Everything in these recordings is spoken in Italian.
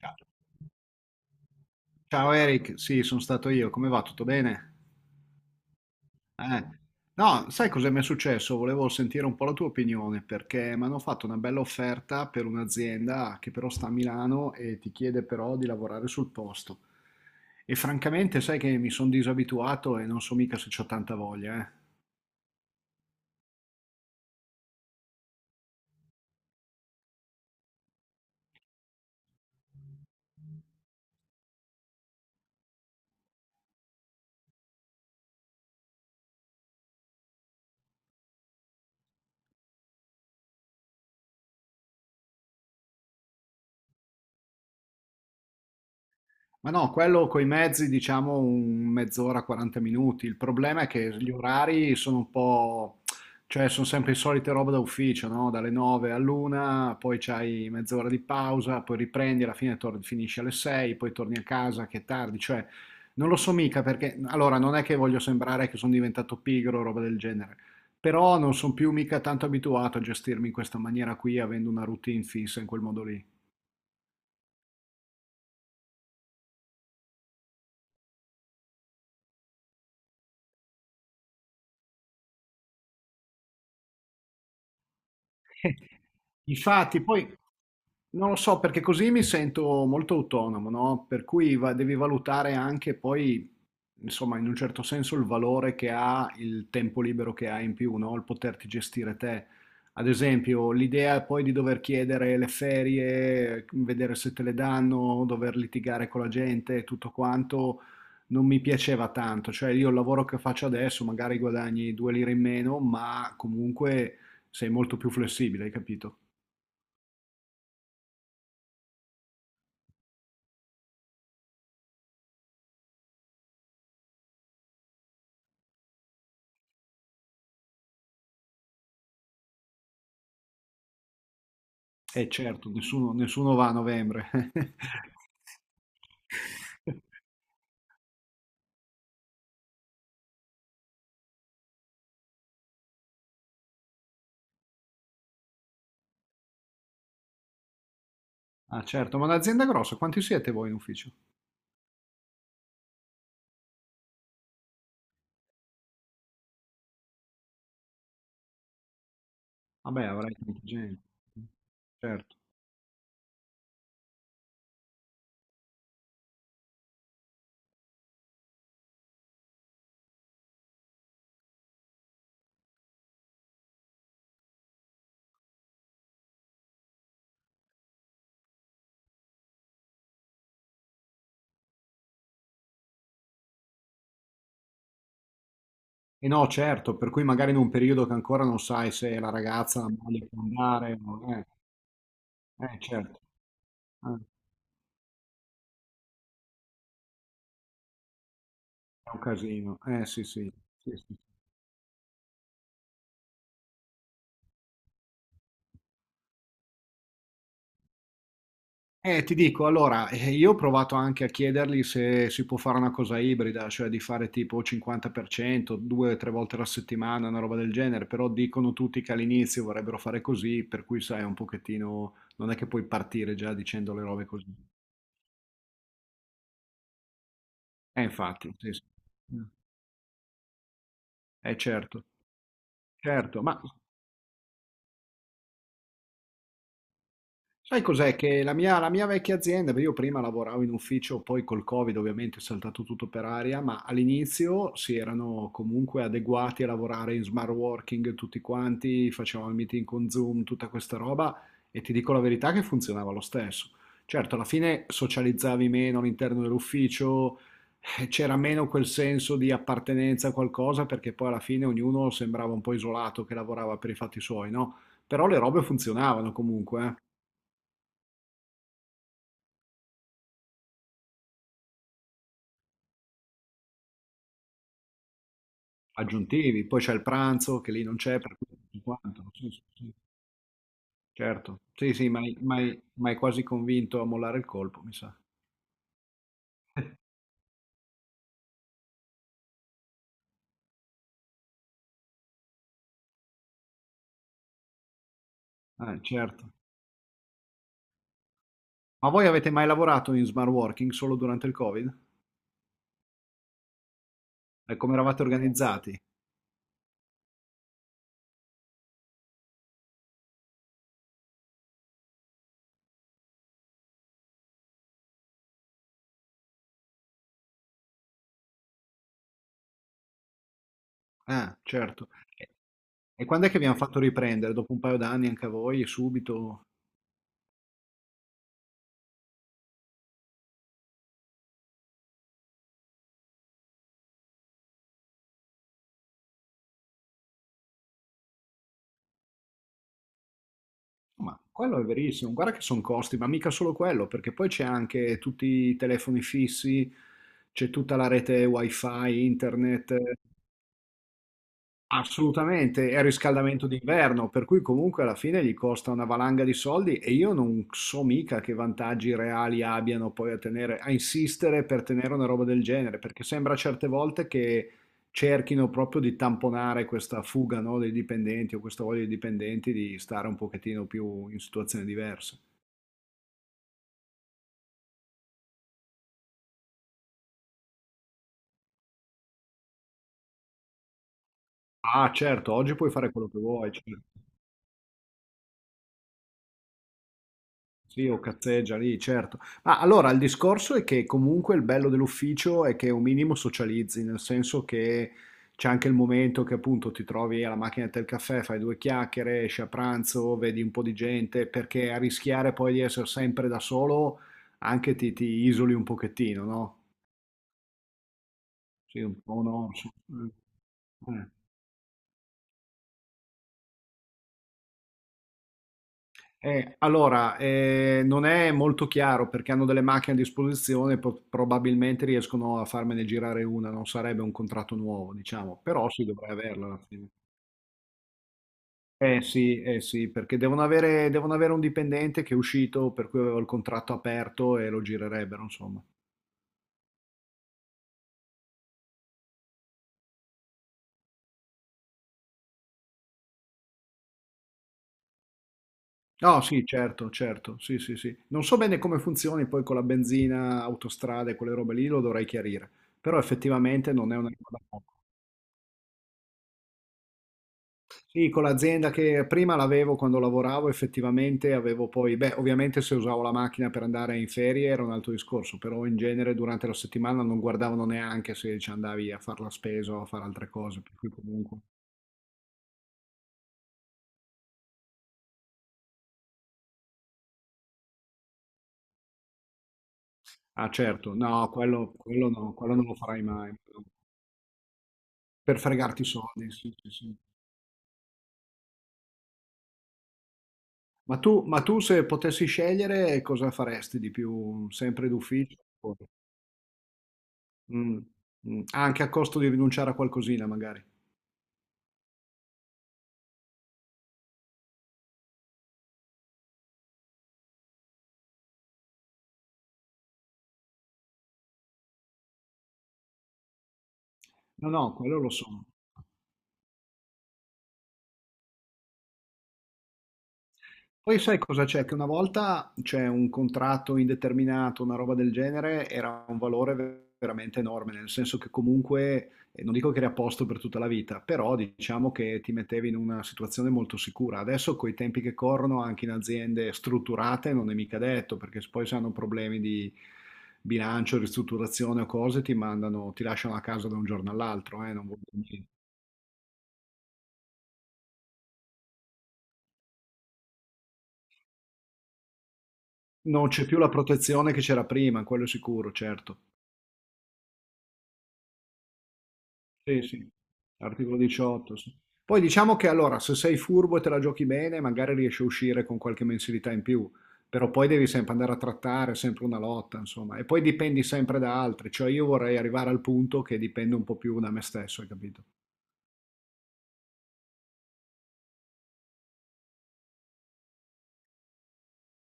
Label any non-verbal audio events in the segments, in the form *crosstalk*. Ciao Ciao Eric, sì, sono stato io. Come va? Tutto bene? Eh. No, sai cosa mi è successo? Volevo sentire un po' la tua opinione perché mi hanno fatto una bella offerta per un'azienda che però sta a Milano e ti chiede però di lavorare sul posto. E francamente, sai che mi sono disabituato e non so mica se c'ho tanta voglia, eh. Ma no, quello coi mezzi diciamo un mezz'ora, 40 minuti. Il problema è che gli orari sono un po', cioè sono sempre le solite robe da ufficio, no? Dalle 9 all'una, poi c'hai mezz'ora di pausa, poi riprendi, alla fine finisci alle 6, poi torni a casa che è tardi, cioè non lo so mica perché, allora non è che voglio sembrare che sono diventato pigro o roba del genere, però non sono più mica tanto abituato a gestirmi in questa maniera qui, avendo una routine fissa in quel modo lì. *laughs* Infatti, poi non lo so, perché così mi sento molto autonomo, no? Per cui devi valutare anche poi, insomma, in un certo senso il valore che ha il tempo libero che hai in più, no? Il poterti gestire te. Ad esempio, l'idea poi di dover chiedere le ferie, vedere se te le danno, dover litigare con la gente, tutto quanto, non mi piaceva tanto. Cioè, io il lavoro che faccio adesso, magari guadagni due lire in meno, ma comunque sei molto più flessibile, hai capito? Eh certo, nessuno va a novembre. *laughs* Ah certo, ma un'azienda grossa, quanti siete voi in ufficio? Vabbè, avrai tanta gente. Certo. E no, certo, per cui magari in un periodo che ancora non sai se la ragazza voglia andare, certo, eh, è un casino, eh sì sì, sì, sì, sì. Ti dico, allora, io ho provato anche a chiedergli se si può fare una cosa ibrida, cioè di fare tipo 50%, due o tre volte alla settimana, una roba del genere, però dicono tutti che all'inizio vorrebbero fare così, per cui sai, un pochettino, non è che puoi partire già dicendo le robe così. Infatti, sì, sì. Certo, certo, ma sai cos'è? Che la mia vecchia azienda, perché io prima lavoravo in ufficio, poi col Covid ovviamente è saltato tutto per aria, ma all'inizio si erano comunque adeguati a lavorare in smart working tutti quanti, facevamo il meeting con Zoom, tutta questa roba e ti dico la verità che funzionava lo stesso. Certo, alla fine socializzavi meno all'interno dell'ufficio, c'era meno quel senso di appartenenza a qualcosa perché poi alla fine ognuno sembrava un po' isolato che lavorava per i fatti suoi, no? Però le robe funzionavano comunque, eh. Aggiuntivi, poi c'è il pranzo che lì non c'è per cui tutto quanto, no? Sì, sì, sì, certo. Sì, sì, ma hai quasi convinto a mollare il colpo, mi sa. Certo. Ma voi avete mai lavorato in smart working solo durante il Covid? E come eravate organizzati? Ah, certo. E e quando è che vi hanno fatto riprendere? Dopo un paio d'anni anche a voi, subito? Ma quello è verissimo. Guarda che sono costi, ma mica solo quello, perché poi c'è anche tutti i telefoni fissi, c'è tutta la rete wifi, internet. Assolutamente, è riscaldamento d'inverno, per cui comunque alla fine gli costa una valanga di soldi e io non so mica che vantaggi reali abbiano poi a tenere, a insistere per tenere una roba del genere, perché sembra certe volte che cerchino proprio di tamponare questa fuga, no, dei dipendenti o questa voglia dei dipendenti di stare un pochettino più in situazioni diverse. Ah, certo, oggi puoi fare quello che vuoi, certo. Sì, o cazzeggia lì, certo. Ma allora il discorso è che comunque il bello dell'ufficio è che un minimo socializzi, nel senso che c'è anche il momento che appunto ti trovi alla macchina del caffè, fai due chiacchiere, esci a pranzo, vedi un po' di gente, perché a rischiare poi di essere sempre da solo anche ti isoli un pochettino, no? Sì, un po' un orso. Allora, non è molto chiaro perché hanno delle macchine a disposizione, probabilmente riescono a farmene girare una, non sarebbe un contratto nuovo, diciamo, però sì, dovrei averla alla fine. Sì, eh sì, perché devono avere un dipendente che è uscito, per cui avevo il contratto aperto e lo girerebbero, insomma. No, sì, certo, certo, sì, sì, sì. Non so bene come funzioni poi con la benzina, autostrade, quelle robe lì, lo dovrei chiarire, però effettivamente non è una roba. Sì, con l'azienda che prima l'avevo quando lavoravo, effettivamente avevo poi, beh, ovviamente se usavo la macchina per andare in ferie era un altro discorso, però in genere durante la settimana non guardavano neanche se ci andavi a fare la spesa o a fare altre cose, per cui comunque. Ah, certo, no, quello no, quello non lo farai mai, no, per fregarti i soldi, sì, sì, sì. Ma tu se potessi scegliere cosa faresti di più, sempre d'ufficio? Mm, mm. Anche a costo di rinunciare a qualcosina, magari. No, no, quello lo so. Poi sai cosa c'è? Che una volta c'è un contratto indeterminato, una roba del genere, era un valore veramente enorme, nel senso che comunque, non dico che eri a posto per tutta la vita, però diciamo che ti mettevi in una situazione molto sicura. Adesso con i tempi che corrono, anche in aziende strutturate, non è mica detto, perché se poi se hanno problemi di bilancio, ristrutturazione o cose, ti mandano, ti lasciano a casa da un giorno all'altro, non vuol dire niente. Non c'è più la protezione che c'era prima, quello è sicuro, certo. Sì, sì, articolo 18, sì. Poi diciamo che allora, se sei furbo e te la giochi bene, magari riesci a uscire con qualche mensilità in più, però poi devi sempre andare a trattare, è sempre una lotta, insomma, e poi dipendi sempre da altri, cioè io vorrei arrivare al punto che dipendo un po' più da me stesso, hai capito?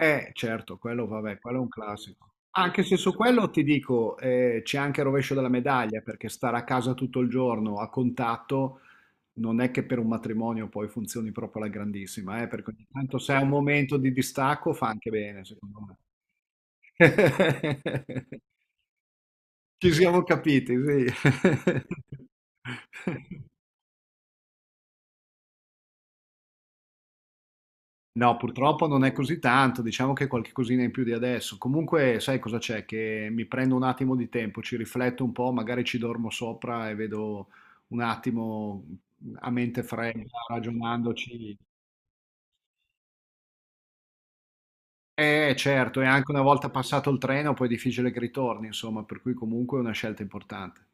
Certo, quello vabbè, quello è un classico. Anche se su quello ti dico, c'è anche il rovescio della medaglia, perché stare a casa tutto il giorno a contatto. Non è che per un matrimonio poi funzioni proprio alla grandissima, perché ogni tanto se è un momento di distacco fa anche bene, secondo me. *laughs* Ci siamo capiti, sì. *laughs* No, purtroppo non è così tanto, diciamo che qualche cosina in più di adesso. Comunque, sai cosa c'è? Che mi prendo un attimo di tempo, ci rifletto un po', magari ci dormo sopra e vedo un attimo a mente fredda, ragionandoci. Eh certo, e anche una volta passato il treno poi è difficile che ritorni, insomma, per cui comunque è una scelta importante.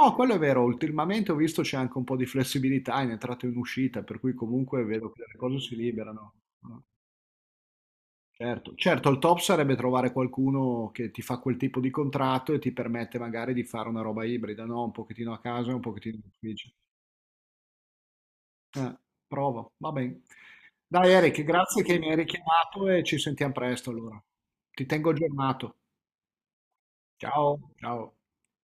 Oh, quello è vero, ultimamente ho visto c'è anche un po' di flessibilità in entrata e in uscita, per cui comunque vedo che le cose si liberano, no? Certo, certo, il top sarebbe trovare qualcuno che ti fa quel tipo di contratto e ti permette magari di fare una roba ibrida, no? Un pochettino a casa e un pochettino in ufficio. Eh, provo, va bene. Dai Eric, grazie che mi hai richiamato e ci sentiamo presto allora. Ti tengo aggiornato. Ciao, ciao.